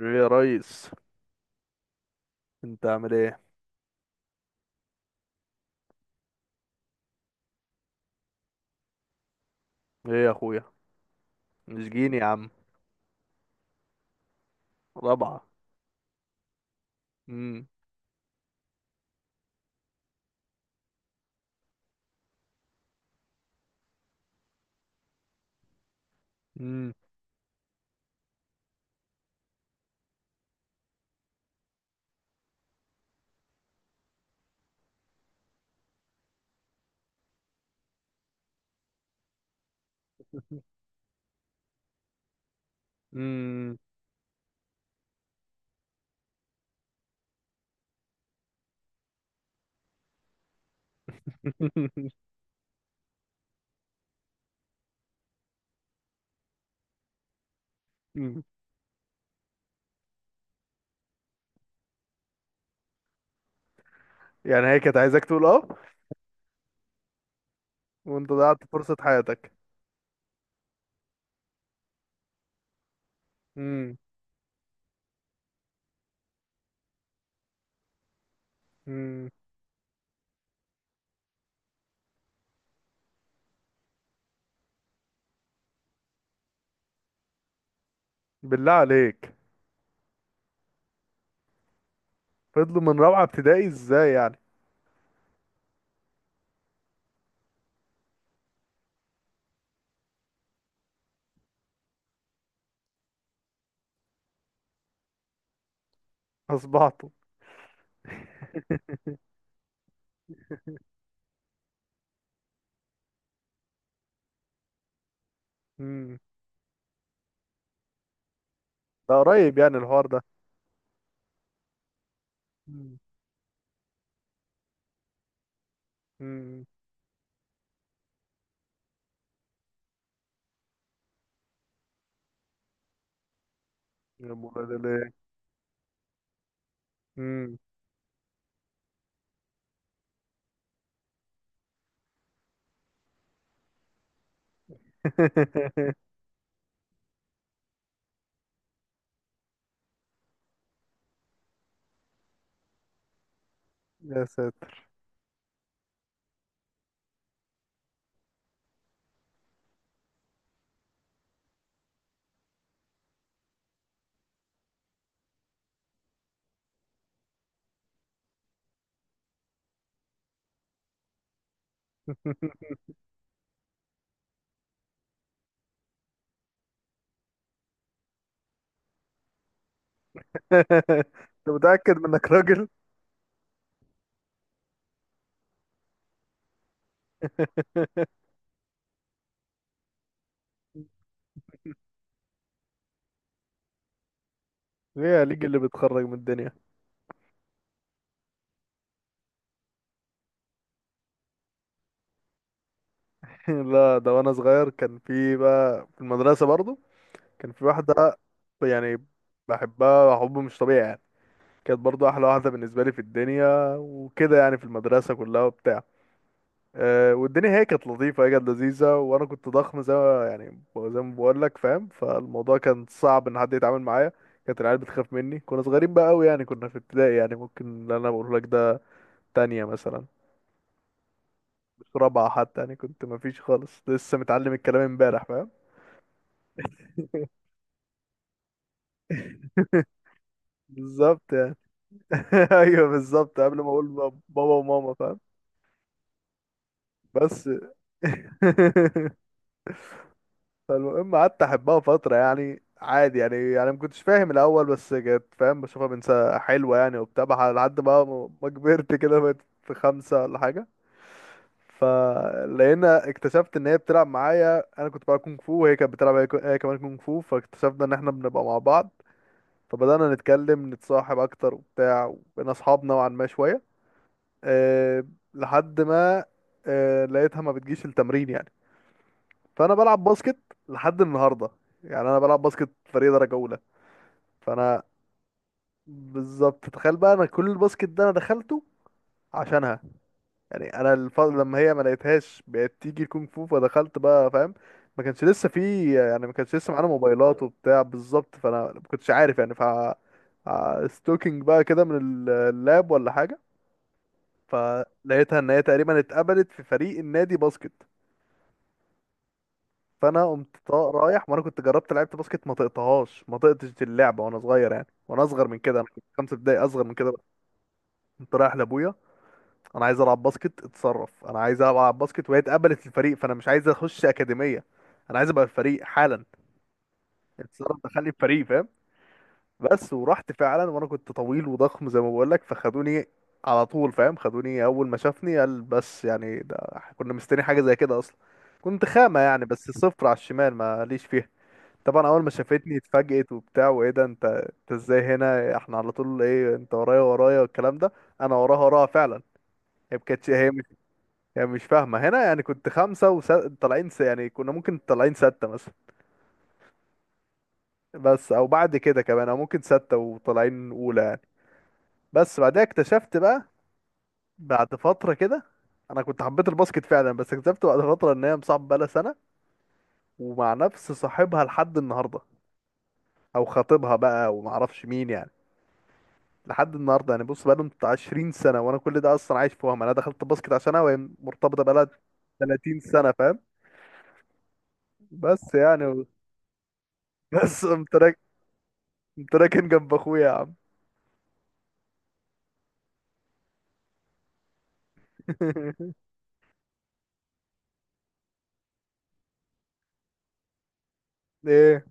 ايه يا ريس، انت عامل ايه؟ ايه يا اخويا. مش جيني يا عم. رابعة. امم امم امم يعني هي كانت عايزاك تقول اه، وانت ضيعت فرصة حياتك. امم امم بالله عليك. فضلوا من رابعة ابتدائي ازاي يعني؟ اصبحتوا. امم ده قريب يعني الحوار ده؟ امم امم يا ابو ولاد الايه. امم يا ساتر. انت متأكد من انك راجل؟ هي ليج اللي بتخرج من الدنيا؟ لا، ده وانا صغير كان في بقى في المدرسة برضو، كان في واحدة يعني بحبها حب مش طبيعي يعني. كانت برضو احلى واحدة بالنسبة لي في الدنيا وكده يعني، في المدرسة كلها وبتاع. أه، والدنيا هي كانت لطيفة، هي كانت لذيذة، وانا كنت ضخم زي ما يعني زي ما بقول لك فاهم، فالموضوع كان صعب ان حد يتعامل معايا. كانت العيال بتخاف مني، كنا صغيرين بقى قوي يعني، كنا في ابتدائي يعني. ممكن اللي انا بقول لك ده تانية مثلا، في رابعة حتى يعني. كنت مفيش خالص، لسه متعلم الكلام امبارح فاهم. بالظبط يعني. ايوه بالظبط، قبل ما اقول بابا وماما فاهم. بس. فالمهم قعدت احبها فترة يعني عادي يعني، يعني ما كنتش فاهم الاول بس كانت فاهم بشوفها بنت حلوة يعني وبتاع لحد بقى ما كبرت كده بقيت في خمسة ولا حاجة. فلقينا اكتشفت ان هي بتلعب معايا. انا كنت بلعب كونغ فو وهي كانت بتلعب هي كمان كونغ فو، فاكتشفنا ان احنا بنبقى مع بعض. فبدأنا نتكلم نتصاحب أكتر وبتاع، وبقينا أصحاب نوعا ما شوية. أه، لحد ما أه لقيتها ما بتجيش التمرين يعني. فأنا بلعب باسكت لحد النهاردة يعني، أنا بلعب باسكت فريق درجة أولى. فأنا بالظبط تخيل بقى، أنا كل الباسكت ده أنا دخلته عشانها. يعني انا الفضل، لما هي ما لقيتهاش بقت تيجي الكونغ فو فدخلت بقى فاهم. ما كانش لسه في يعني ما كانش لسه معانا موبايلات وبتاع بالظبط، فانا ما كنتش عارف يعني ف ستوكينج بقى كده من اللاب ولا حاجه. فلقيتها ان هي تقريبا اتقبلت في فريق النادي باسكت. فانا قمت رايح، وانا كنت جربت لعبت باسكت ما طقتهاش، ما طقتش اللعبه وانا صغير يعني، وانا اصغر من كده، انا كنت خمسة ابتدائي، اصغر من كده بقى. كنت رايح لابويا. انا عايز العب باسكت، اتصرف، انا عايز العب باسكت، وهي اتقبلت الفريق، فانا مش عايز اخش اكاديميه، انا عايز ابقى الفريق حالا، اتصرف دخلني الفريق فاهم. بس ورحت فعلا، وانا كنت طويل وضخم زي ما بقول لك، فخدوني على طول فاهم. خدوني اول ما شافني قال بس يعني ده كنا مستني حاجه زي كده اصلا. كنت خامه يعني، بس صفر على الشمال، ما ليش فيها. طبعا اول ما شافتني اتفاجئت وبتاع، وايه ده، انت ازاي هنا احنا على طول ايه انت ورايا ورايا والكلام ده. انا وراها وراها فعلا، هي ما كانتش هي يعني مش فاهمة هنا يعني. كنت خمسة وطالعين يعني، كنا ممكن طالعين ستة مثلا، بس أو بعد كده كمان، أو ممكن ستة وطالعين أولى يعني. بس بعدها اكتشفت بقى بعد فترة كده، أنا كنت حبيت الباسكت فعلا، بس اكتشفت بعد فترة إن هي مصاحبة بقالها سنة ومع نفس صاحبها لحد النهاردة، أو خطيبها بقى ومعرفش مين يعني لحد النهاردة يعني. بص، بقالهم بتاع 20 سنة، وأنا كل ده أصلا عايش في وهم. أنا دخلت الباسكت عشانها وهي مرتبطة بقالها 30 سنة فاهم. بس يعني بس قمت. انت راكن جنب اخويا يا عم. ايه؟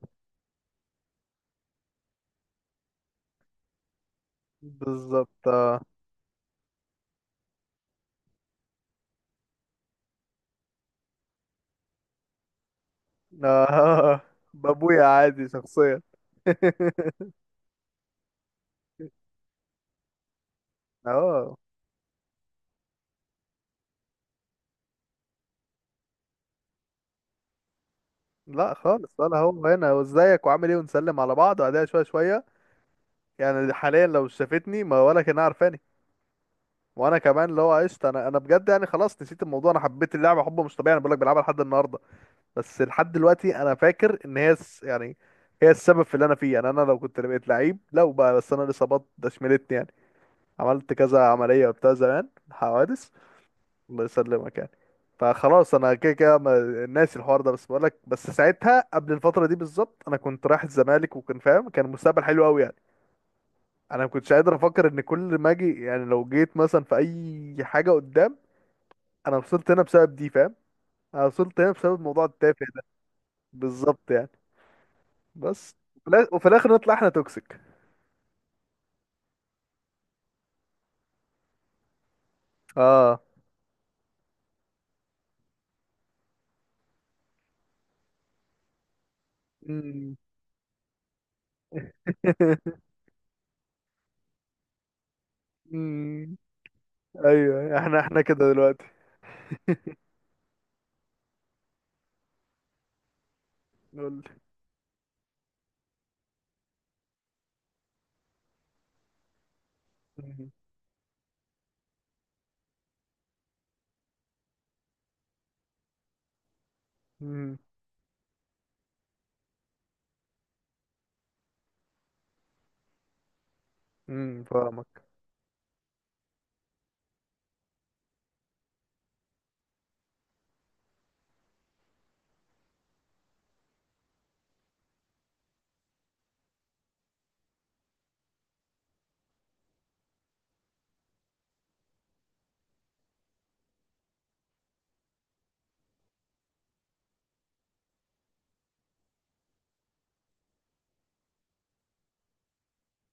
بالظبط. اه. اه، بابويا عادي شخصيا. اه. لا خالص، ولا هو هنا وازيك وعامل ايه ونسلم على بعض، وبعدها شويه شويه. يعني حاليا لو شافتني ما ولا كان عارفاني. وانا كمان اللي هو قشطه، انا بجد يعني خلاص نسيت الموضوع، انا حبيت اللعبه حب مش طبيعي، انا بقول لك بلعبها لحد النهارده. بس لحد دلوقتي انا فاكر ان هي يعني، هي السبب في اللي انا فيه يعني. انا لو كنت بقيت لعيب، لو بقى، بس انا الاصابات ده شملتني يعني، عملت كذا عملية وبتاع، زمان حوادث. الله يسلمك يعني. فخلاص انا كده كده ناسي الحوار ده، بس بقولك بس ساعتها قبل الفترة دي بالظبط انا كنت رايح الزمالك، وكان فاهم كان مستقبل حلو قوي يعني. انا ما كنتش قادر افكر ان كل ما اجي يعني، لو جيت مثلا في اي حاجة قدام. انا وصلت هنا بسبب دي فاهم، انا وصلت هنا بسبب الموضوع التافه ده. بالظبط يعني. بس. وفي الاخر نطلع احنا توكسيك. اه. مم. مم. ايوه، احنا كده دلوقتي. قول لي. امم فاهمك.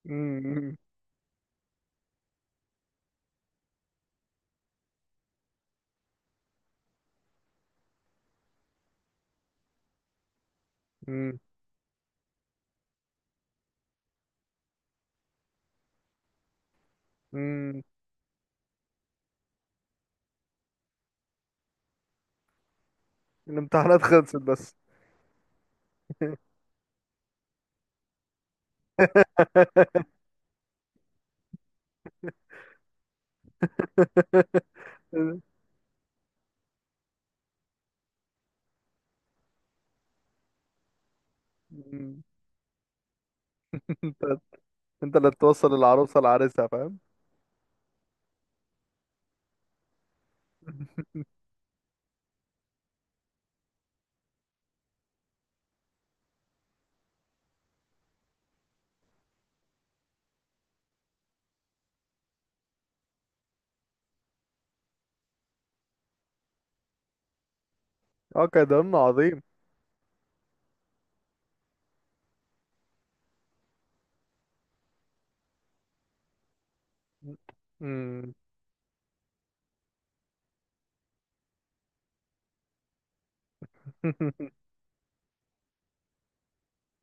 امم امم امم الامتحانات خلصت بس. مم. انت، انت اللي توصل العروسه لعريسها فاهم. اه كده عظيم. مم.